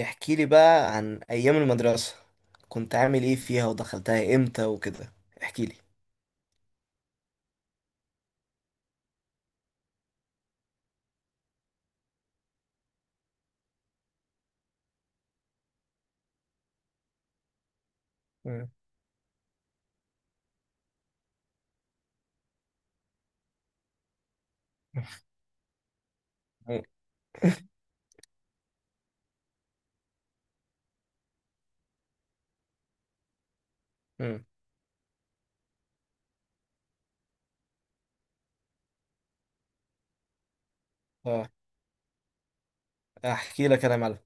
احكي لي بقى عن ايام المدرسة. كنت عامل ايه فيها ودخلتها امتى وكده. احكي لي. مم. مم. مم. اه، احكي لك انا يا معلم.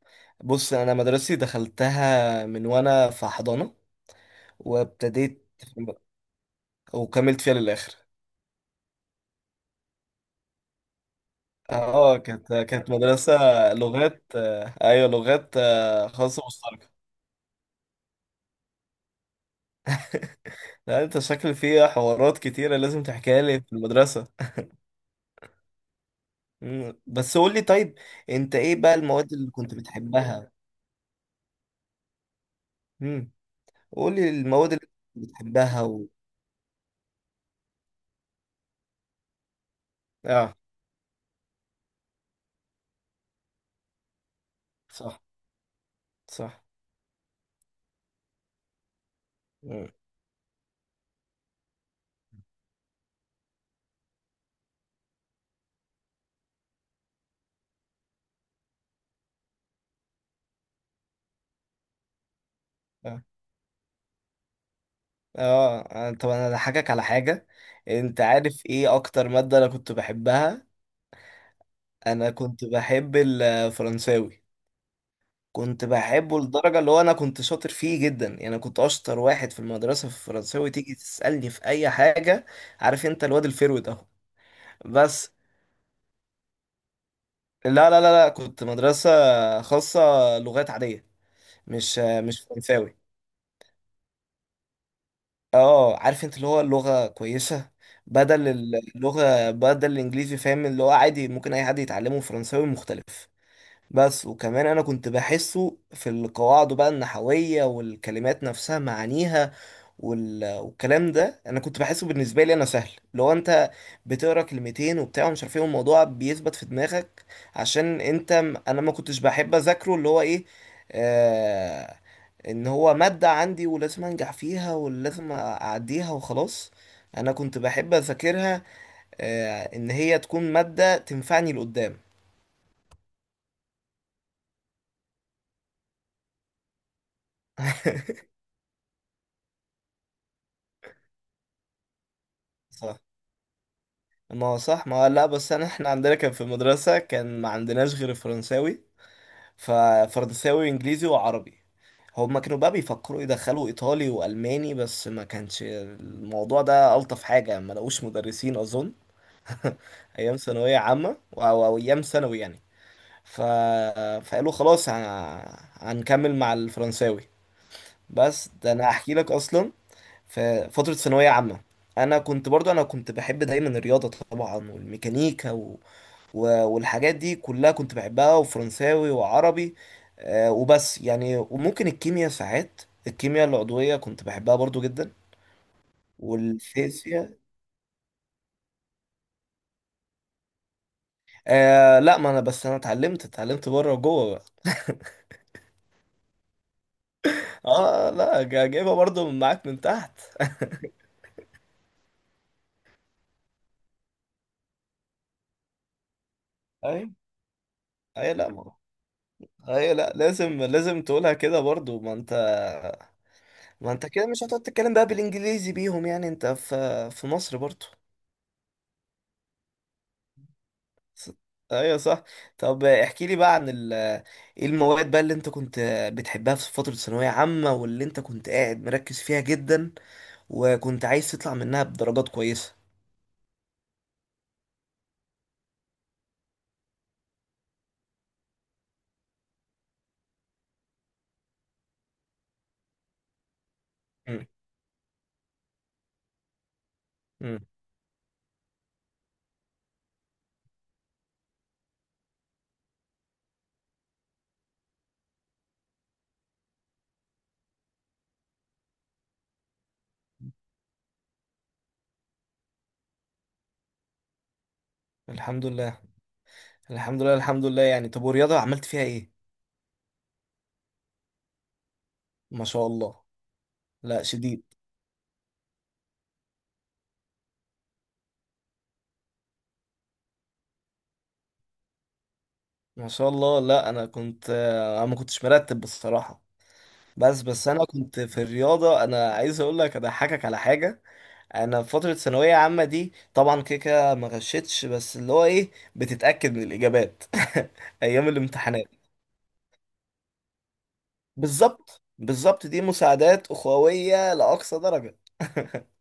بص، انا مدرستي دخلتها من وانا في حضانه، وابتديت، وكملت فيها للاخر. اه، كانت مدرسه لغات، ايوه لغات، خاصه مشتركه. لا، انت شكل فيها حوارات كتيره لازم تحكيها لي في المدرسه. مم. بس قول لي طيب، انت ايه بقى المواد اللي كنت بتحبها؟ امم قول لي المواد اللي أنت بتحبها اه، صح، صح. مم. اه، اه. طب انا هضحكك على حاجة. انت عارف ايه اكتر مادة انا كنت بحبها؟ انا كنت بحب الفرنساوي. كنت بحبه لدرجة اللي هو انا كنت شاطر فيه جدا، يعني انا كنت اشطر واحد في المدرسة في الفرنساوي. تيجي تسألني في اي حاجة. عارف انت الواد الفيرود اهو، بس. لا، لا، لا، لا، كنت مدرسة خاصة، لغات عادية، مش فرنساوي. اه، عارف انت اللي هو اللغة كويسة، بدل اللغة، بدل الانجليزي، فاهم، اللي هو عادي ممكن اي حد يتعلمه، فرنساوي مختلف. بس، وكمان انا كنت بحسه في القواعد بقى النحوية والكلمات نفسها معانيها، والكلام ده انا كنت بحسه بالنسبه لي انا سهل. لو انت بتقرا كلمتين وبتاع ومش عارف ايه، الموضوع بيثبت في دماغك. عشان انت انا ما كنتش بحب اذاكره اللي هو ايه، آه... ان هو ماده عندي ولازم انجح فيها ولازم اعديها وخلاص. انا كنت بحب اذاكرها، ان هي تكون ماده تنفعني لقدام. صح، ما هو صح، ما هو لا، بس انا، احنا عندنا كان في المدرسة كان ما عندناش غير فرنساوي. ففرنساوي وانجليزي وعربي. هما كانوا بقى بيفكروا يدخلوا ايطالي والماني، بس ما كانش الموضوع ده. الطف حاجه، ما لقوش مدرسين اظن. ايام ثانويه عامه، او ايام ثانوي يعني. ف... فقالوا خلاص، هنكمل مع الفرنساوي. بس ده انا احكي لك اصلا، في فتره ثانويه عامه. انا كنت برضو انا كنت بحب دايما الرياضه طبعا، والميكانيكا، والحاجات دي كلها كنت بحبها، وفرنساوي وعربي. وبس يعني، وممكن الكيمياء ساعات، الكيمياء العضوية كنت بحبها برضو جدا، والفيزياء. لا، ما انا بس انا اتعلمت بره وجوه بقى. اه، لا، جايبها برضو من معاك من تحت. اي، اي، لا، ما اي، لا، لازم لازم تقولها كده برضو. ما انت كده مش هتقعد تتكلم بقى بالانجليزي بيهم، يعني انت في مصر برضو. ص- ايوه صح. طب احكي لي بقى عن ايه المواد بقى اللي انت كنت بتحبها في فترة ثانوية عامة، واللي انت كنت قاعد مركز فيها جدا، وكنت عايز تطلع منها بدرجات كويسة. مم. مم. الحمد لله، الحمد لله، الحمد لله يعني. طب، ورياضة عملت فيها ايه؟ ما شاء الله، لا شديد. ما شاء الله. لا، انا ما كنتش مرتب بصراحة. بس بس، انا كنت في الرياضة، انا عايز اقول لك اضحكك على حاجة. انا في فتره ثانويه عامه دي طبعا، كده كده ما غشيتش، بس اللي هو ايه، بتتاكد من الاجابات. ايام الامتحانات. بالظبط، بالظبط، دي مساعدات اخويه لاقصى درجه.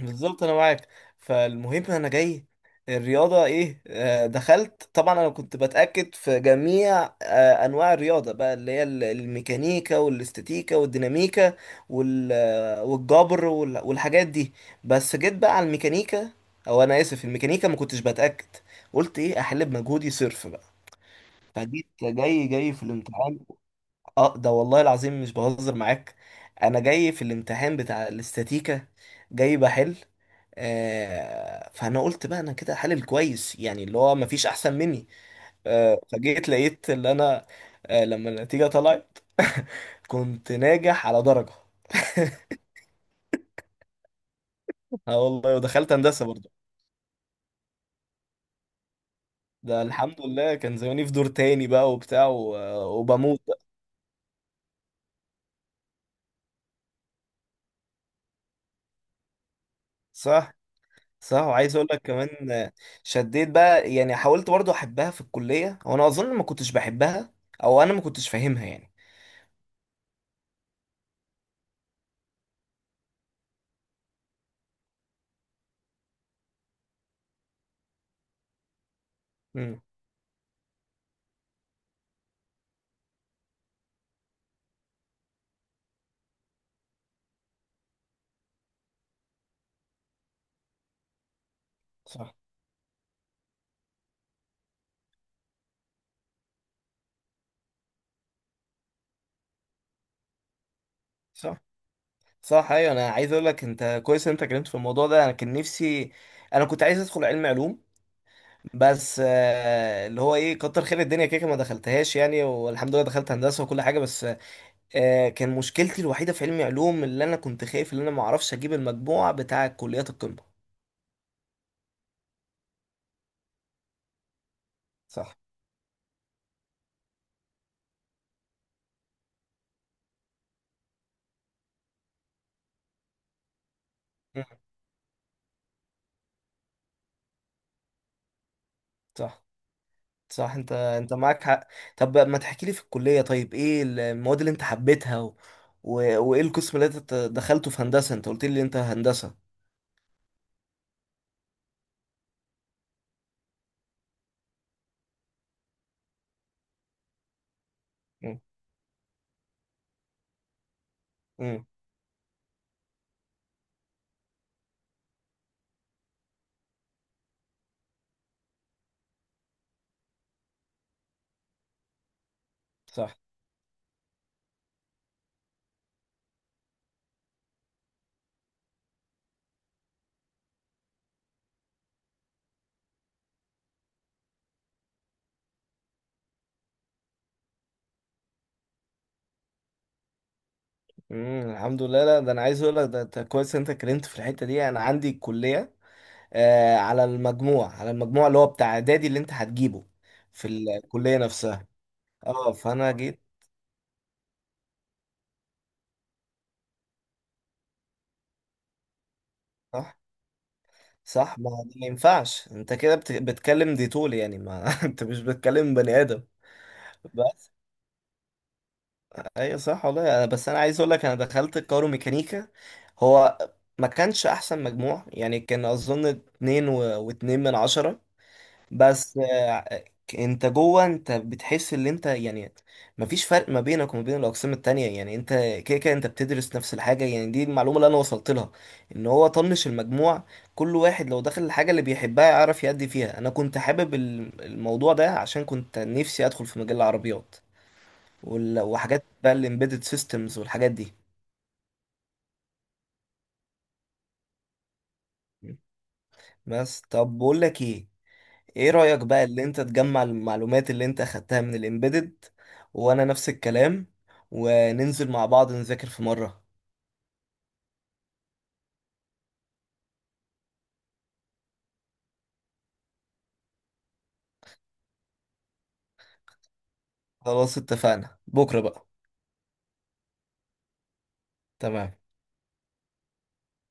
بالظبط انا معاك. فالمهم، انا جاي. الرياضه ايه، دخلت طبعا، انا كنت بتاكد في جميع انواع الرياضه بقى، اللي هي الميكانيكا والاستاتيكا والديناميكا، والجبر والحاجات دي. بس جيت بقى على الميكانيكا، او انا اسف، الميكانيكا ما كنتش بتاكد، قلت ايه، احل بمجهودي صرف بقى. فجيت، جاي في الامتحان. اه، ده والله العظيم مش بهزر معاك. انا جاي في الامتحان بتاع الاستاتيكا، جاي بحل. فانا قلت بقى انا كده حلل كويس، يعني اللي هو مفيش احسن مني. فجيت لقيت اللي انا، لما النتيجة طلعت كنت ناجح على درجة. اه والله، ودخلت هندسة برضه. ده الحمد لله، كان زماني في دور تاني بقى وبتاع وبموت بقى. صح، صح. وعايز اقول لك كمان، شديت بقى يعني، حاولت برضو احبها في الكليه وانا اظن ما كنتش بحبها، او انا ما كنتش فاهمها يعني. امم صح، صح، صح، ايوه. انا عايز اقول لك انت كويس إن انت اتكلمت في الموضوع ده. انا كان نفسي، انا كنت عايز ادخل علم علوم. بس اللي هو ايه، كتر خير الدنيا، كده كده ما دخلتهاش يعني، والحمد لله دخلت هندسه وكل حاجه. بس، كان مشكلتي الوحيده في علمي علوم، اللي انا كنت خايف ان انا ما اعرفش اجيب المجموع بتاع كليات القمه. صح. مم. صح، صح، انت معاك حق. طب ما تحكي لي في الكلية طيب، ايه المواد اللي انت حبيتها و... وايه القسم اللي انت دخلته في هندسة؟ انت قلت لي انت هندسة. مم. مم. صح. مم. الحمد لله. لا ده، انا عايز اقول لك، ده انت كويس إن انت اتكلمت في الحتة دي. انا عندي الكلية، على المجموع اللي هو بتاع اعدادي اللي انت هتجيبه في الكلية نفسها. اه، فانا جيت. صح، صح. ما هو ده ما ينفعش. انت كده بتكلم ديتول، يعني ما انت مش بتكلم بني ادم. بس. ايوه صح والله. بس انا عايز اقول لك انا دخلت الكايرو ميكانيكا. هو ما كانش احسن مجموع يعني، كان اظن اتنين واتنين من عشرة. بس انت جوه، انت بتحس ان انت يعني مفيش فرق ما بينك وما بين الاقسام التانية، يعني انت كده كده انت بتدرس نفس الحاجة، يعني دي المعلومة اللي انا وصلت لها. ان هو طنش المجموع، كل واحد لو دخل الحاجة اللي بيحبها يعرف يأدي فيها. انا كنت حابب الموضوع ده عشان كنت نفسي ادخل في مجال العربيات وحاجات بقى الامبيدد سيستمز والحاجات دي. بس طب بقول لك ايه، ايه رأيك بقى اللي انت تجمع المعلومات اللي انت اخدتها من الامبيدد، وانا نفس الكلام، وننزل مع بعض نذاكر في مرة. خلاص، اتفقنا بكرة بقى. تمام.